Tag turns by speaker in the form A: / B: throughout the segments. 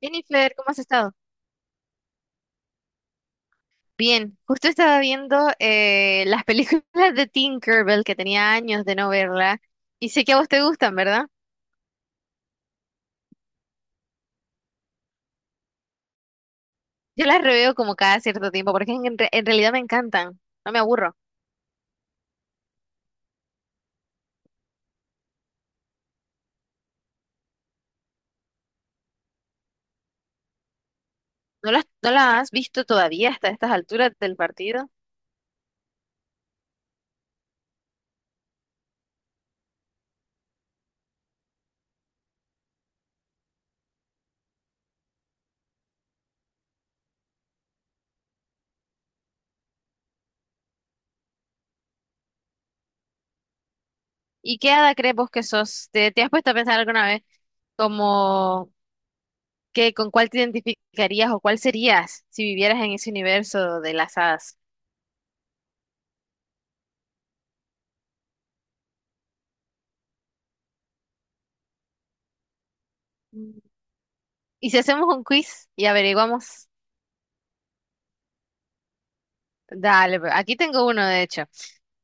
A: Jennifer, ¿cómo has estado? Bien, justo estaba viendo las películas de Tinkerbell que tenía años de no verla y sé que a vos te gustan, ¿verdad? Yo las reveo como cada cierto tiempo porque en realidad me encantan, no me aburro. No las has visto todavía hasta estas alturas del partido? ¿Y qué hada crees vos que sos? Te has puesto a pensar alguna vez como que con cuál te identificarías o cuál serías si vivieras en ese universo de las hadas? Mm. ¿Y si hacemos un quiz y averiguamos? Dale, aquí tengo uno, de hecho.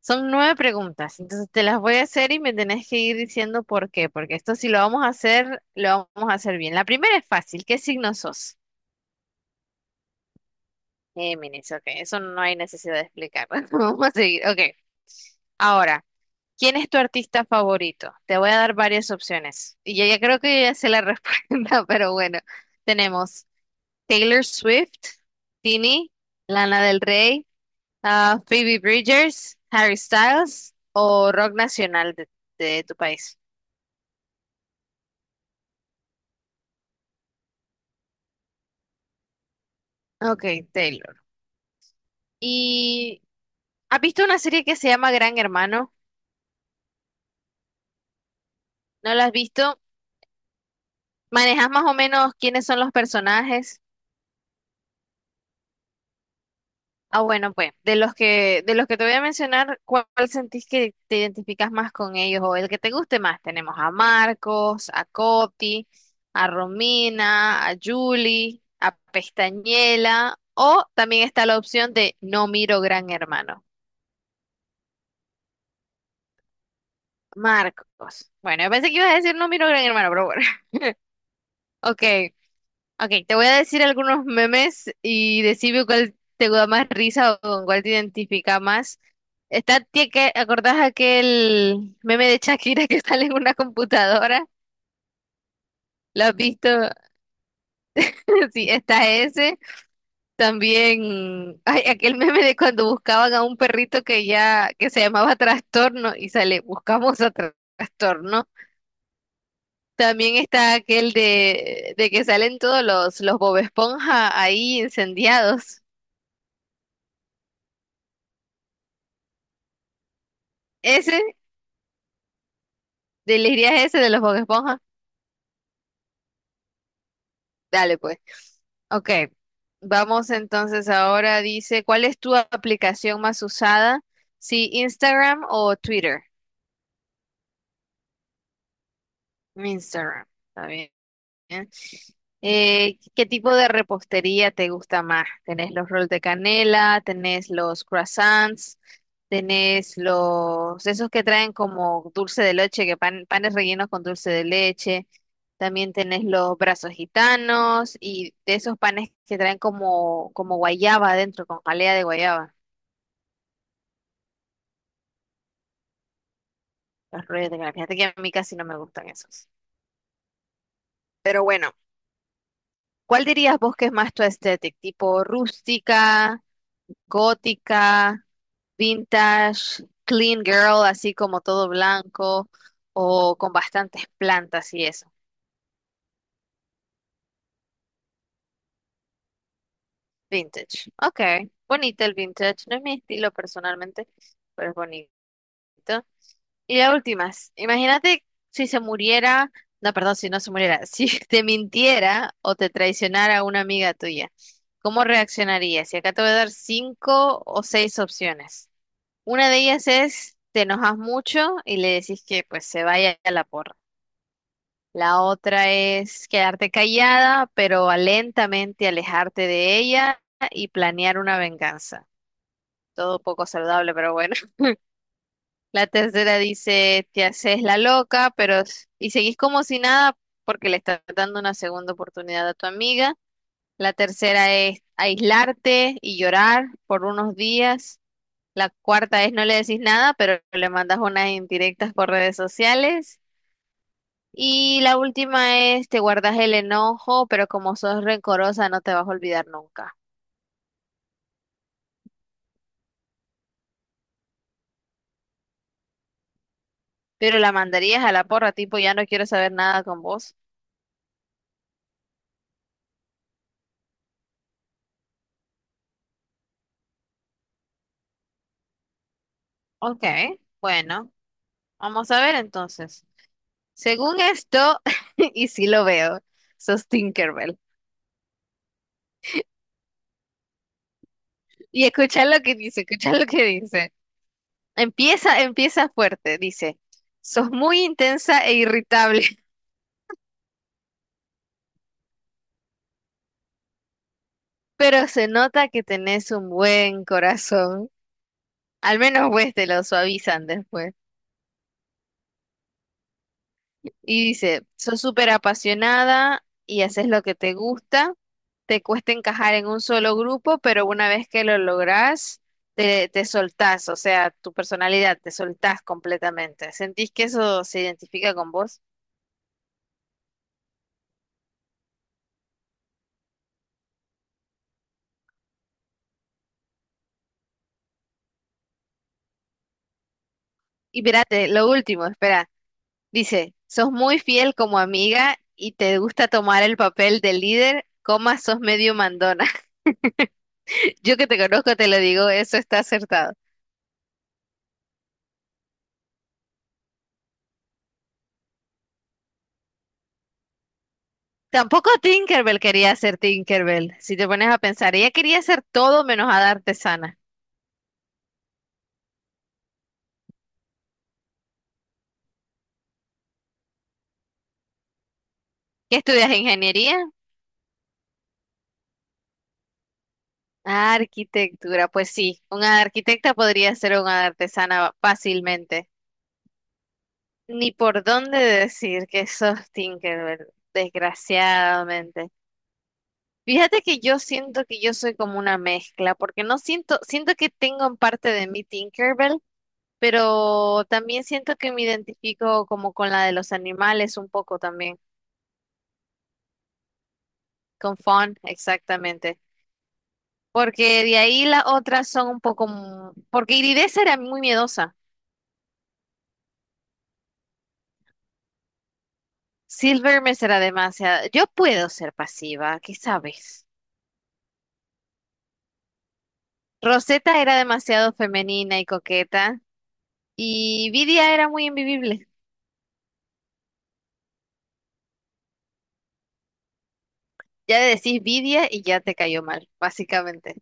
A: Son nueve preguntas, entonces te las voy a hacer y me tenés que ir diciendo por qué, porque esto si lo vamos a hacer, lo vamos a hacer bien. La primera es fácil, ¿qué signo sos? Géminis, ok, eso no hay necesidad de explicar. Vamos a seguir, ok. Ahora, ¿quién es tu artista favorito? Te voy a dar varias opciones y ya creo que ya sé la respuesta, pero bueno, tenemos Taylor Swift, Tini, Lana del Rey. Ah, Phoebe Bridgers, Harry Styles o rock nacional de tu país. Ok, Taylor. ¿Y has visto una serie que se llama Gran Hermano? ¿No la has visto? ¿Manejas más o menos quiénes son los personajes? Ah, bueno, pues, de los que te voy a mencionar, ¿cuál sentís que te identificas más con ellos o el que te guste más? Tenemos a Marcos, a Coti, a Romina, a Julie, a Pestañela, o también está la opción de no miro Gran Hermano. Marcos. Bueno, yo pensé que ibas a decir no miro Gran Hermano, pero bueno. Ok. Ok, te voy a decir algunos memes y decime cuál te da más risa o con cuál te identifica más. ¿Acordás aquel meme de Shakira que sale en una computadora? ¿Lo has visto? Sí, está ese. También hay aquel meme de cuando buscaban a un perrito que ya, que se llamaba Trastorno y sale, buscamos a Trastorno. También está aquel de que salen todos los Bob Esponja ahí incendiados. Ese. ¿Elegirías ese de los Bob Esponja? Dale, pues. Ok, vamos entonces ahora. Dice, ¿cuál es tu aplicación más usada? Sí, ¿Instagram o Twitter? Instagram, está bien. ¿Qué tipo de repostería te gusta más? ¿Tenés los rolls de canela? ¿Tenés los croissants? ¿Tenés los, esos que traen como dulce de leche, que panes rellenos con dulce de leche? También tenés los brazos gitanos y de esos panes que traen como, como guayaba adentro, con jalea de guayaba. Los rollos de canela. Fíjate que a mí casi no me gustan esos. Pero bueno, ¿cuál dirías vos que es más tu estética? ¿Tipo rústica, gótica, vintage, clean girl, así como todo blanco o con bastantes plantas y eso? Vintage. Ok, bonito el vintage. No es mi estilo personalmente, pero es bonito. Y la última, es, imagínate si se muriera, no, perdón, si no se muriera, si te mintiera o te traicionara una amiga tuya, ¿cómo reaccionarías? Y acá te voy a dar cinco o seis opciones. Una de ellas es, te enojas mucho y le decís que pues se vaya a la porra. La otra es quedarte callada, pero lentamente alejarte de ella y planear una venganza. Todo poco saludable, pero bueno. La tercera dice, te haces la loca, pero y seguís como si nada porque le estás dando una segunda oportunidad a tu amiga. La tercera es aislarte y llorar por unos días. La cuarta es no le decís nada, pero le mandas unas indirectas por redes sociales. Y la última es te guardas el enojo, pero como sos rencorosa no te vas a olvidar nunca. Pero la mandarías a la porra, tipo, ya no quiero saber nada con vos. Ok, bueno, vamos a ver entonces. Según esto, y sí lo veo, sos Tinkerbell. Y escucha lo que dice, escucha lo que dice. Empieza, empieza fuerte, dice. Sos muy intensa e irritable, pero se nota que tenés un buen corazón. Al menos pues te lo suavizan después. Y dice, sos súper apasionada y haces lo que te gusta, te cuesta encajar en un solo grupo, pero una vez que lo lográs, te soltás, o sea, tu personalidad, te soltás completamente. ¿Sentís que eso se identifica con vos? Y espérate, lo último, espera. Dice, sos muy fiel como amiga y te gusta tomar el papel de líder, coma, sos medio mandona. Yo que te conozco te lo digo, eso está acertado. Tampoco Tinkerbell quería ser Tinkerbell. Si te pones a pensar, ella quería ser todo menos hada artesana. ¿Qué estudias? ¿Ingeniería? Ah, arquitectura. Pues sí, una arquitecta podría ser una artesana fácilmente. Ni por dónde decir que sos Tinkerbell, desgraciadamente. Fíjate que yo siento que yo soy como una mezcla, porque no siento, siento que tengo en parte de mí Tinkerbell, pero también siento que me identifico como con la de los animales un poco también. Con Fon, exactamente. Porque de ahí las otras son un poco... m- Porque Iridesa era muy miedosa. Silvermere era demasiado... Yo puedo ser pasiva, ¿qué sabes? Rosetta era demasiado femenina y coqueta. Y Vidia era muy invivible. Ya le decís Vidia y ya te cayó mal, básicamente.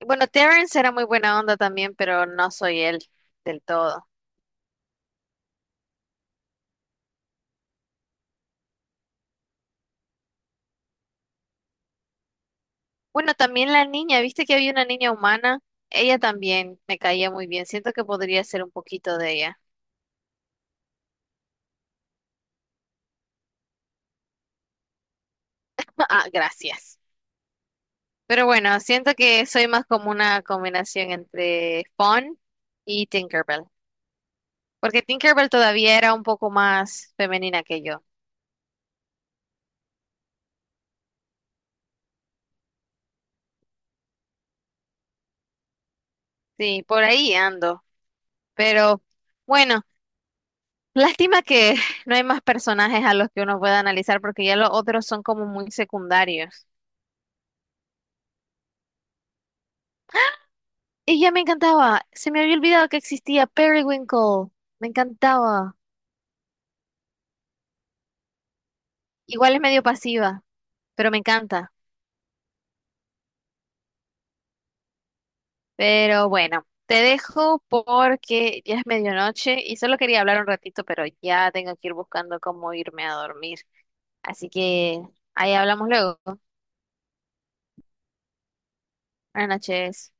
A: Bueno, Terrence era muy buena onda también, pero no soy él del todo. Bueno, también la niña, ¿viste que había una niña humana? Ella también me caía muy bien. Siento que podría ser un poquito de ella. Ah, gracias. Pero bueno, siento que soy más como una combinación entre Fawn y Tinkerbell, porque Tinkerbell todavía era un poco más femenina que yo. Sí, por ahí ando. Pero bueno, lástima que no hay más personajes a los que uno pueda analizar porque ya los otros son como muy secundarios. Y ya me encantaba, se me había olvidado que existía Periwinkle, me encantaba. Igual es medio pasiva, pero me encanta. Pero bueno, te dejo porque ya es medianoche y solo quería hablar un ratito, pero ya tengo que ir buscando cómo irme a dormir. Así que ahí hablamos luego. Buenas noches.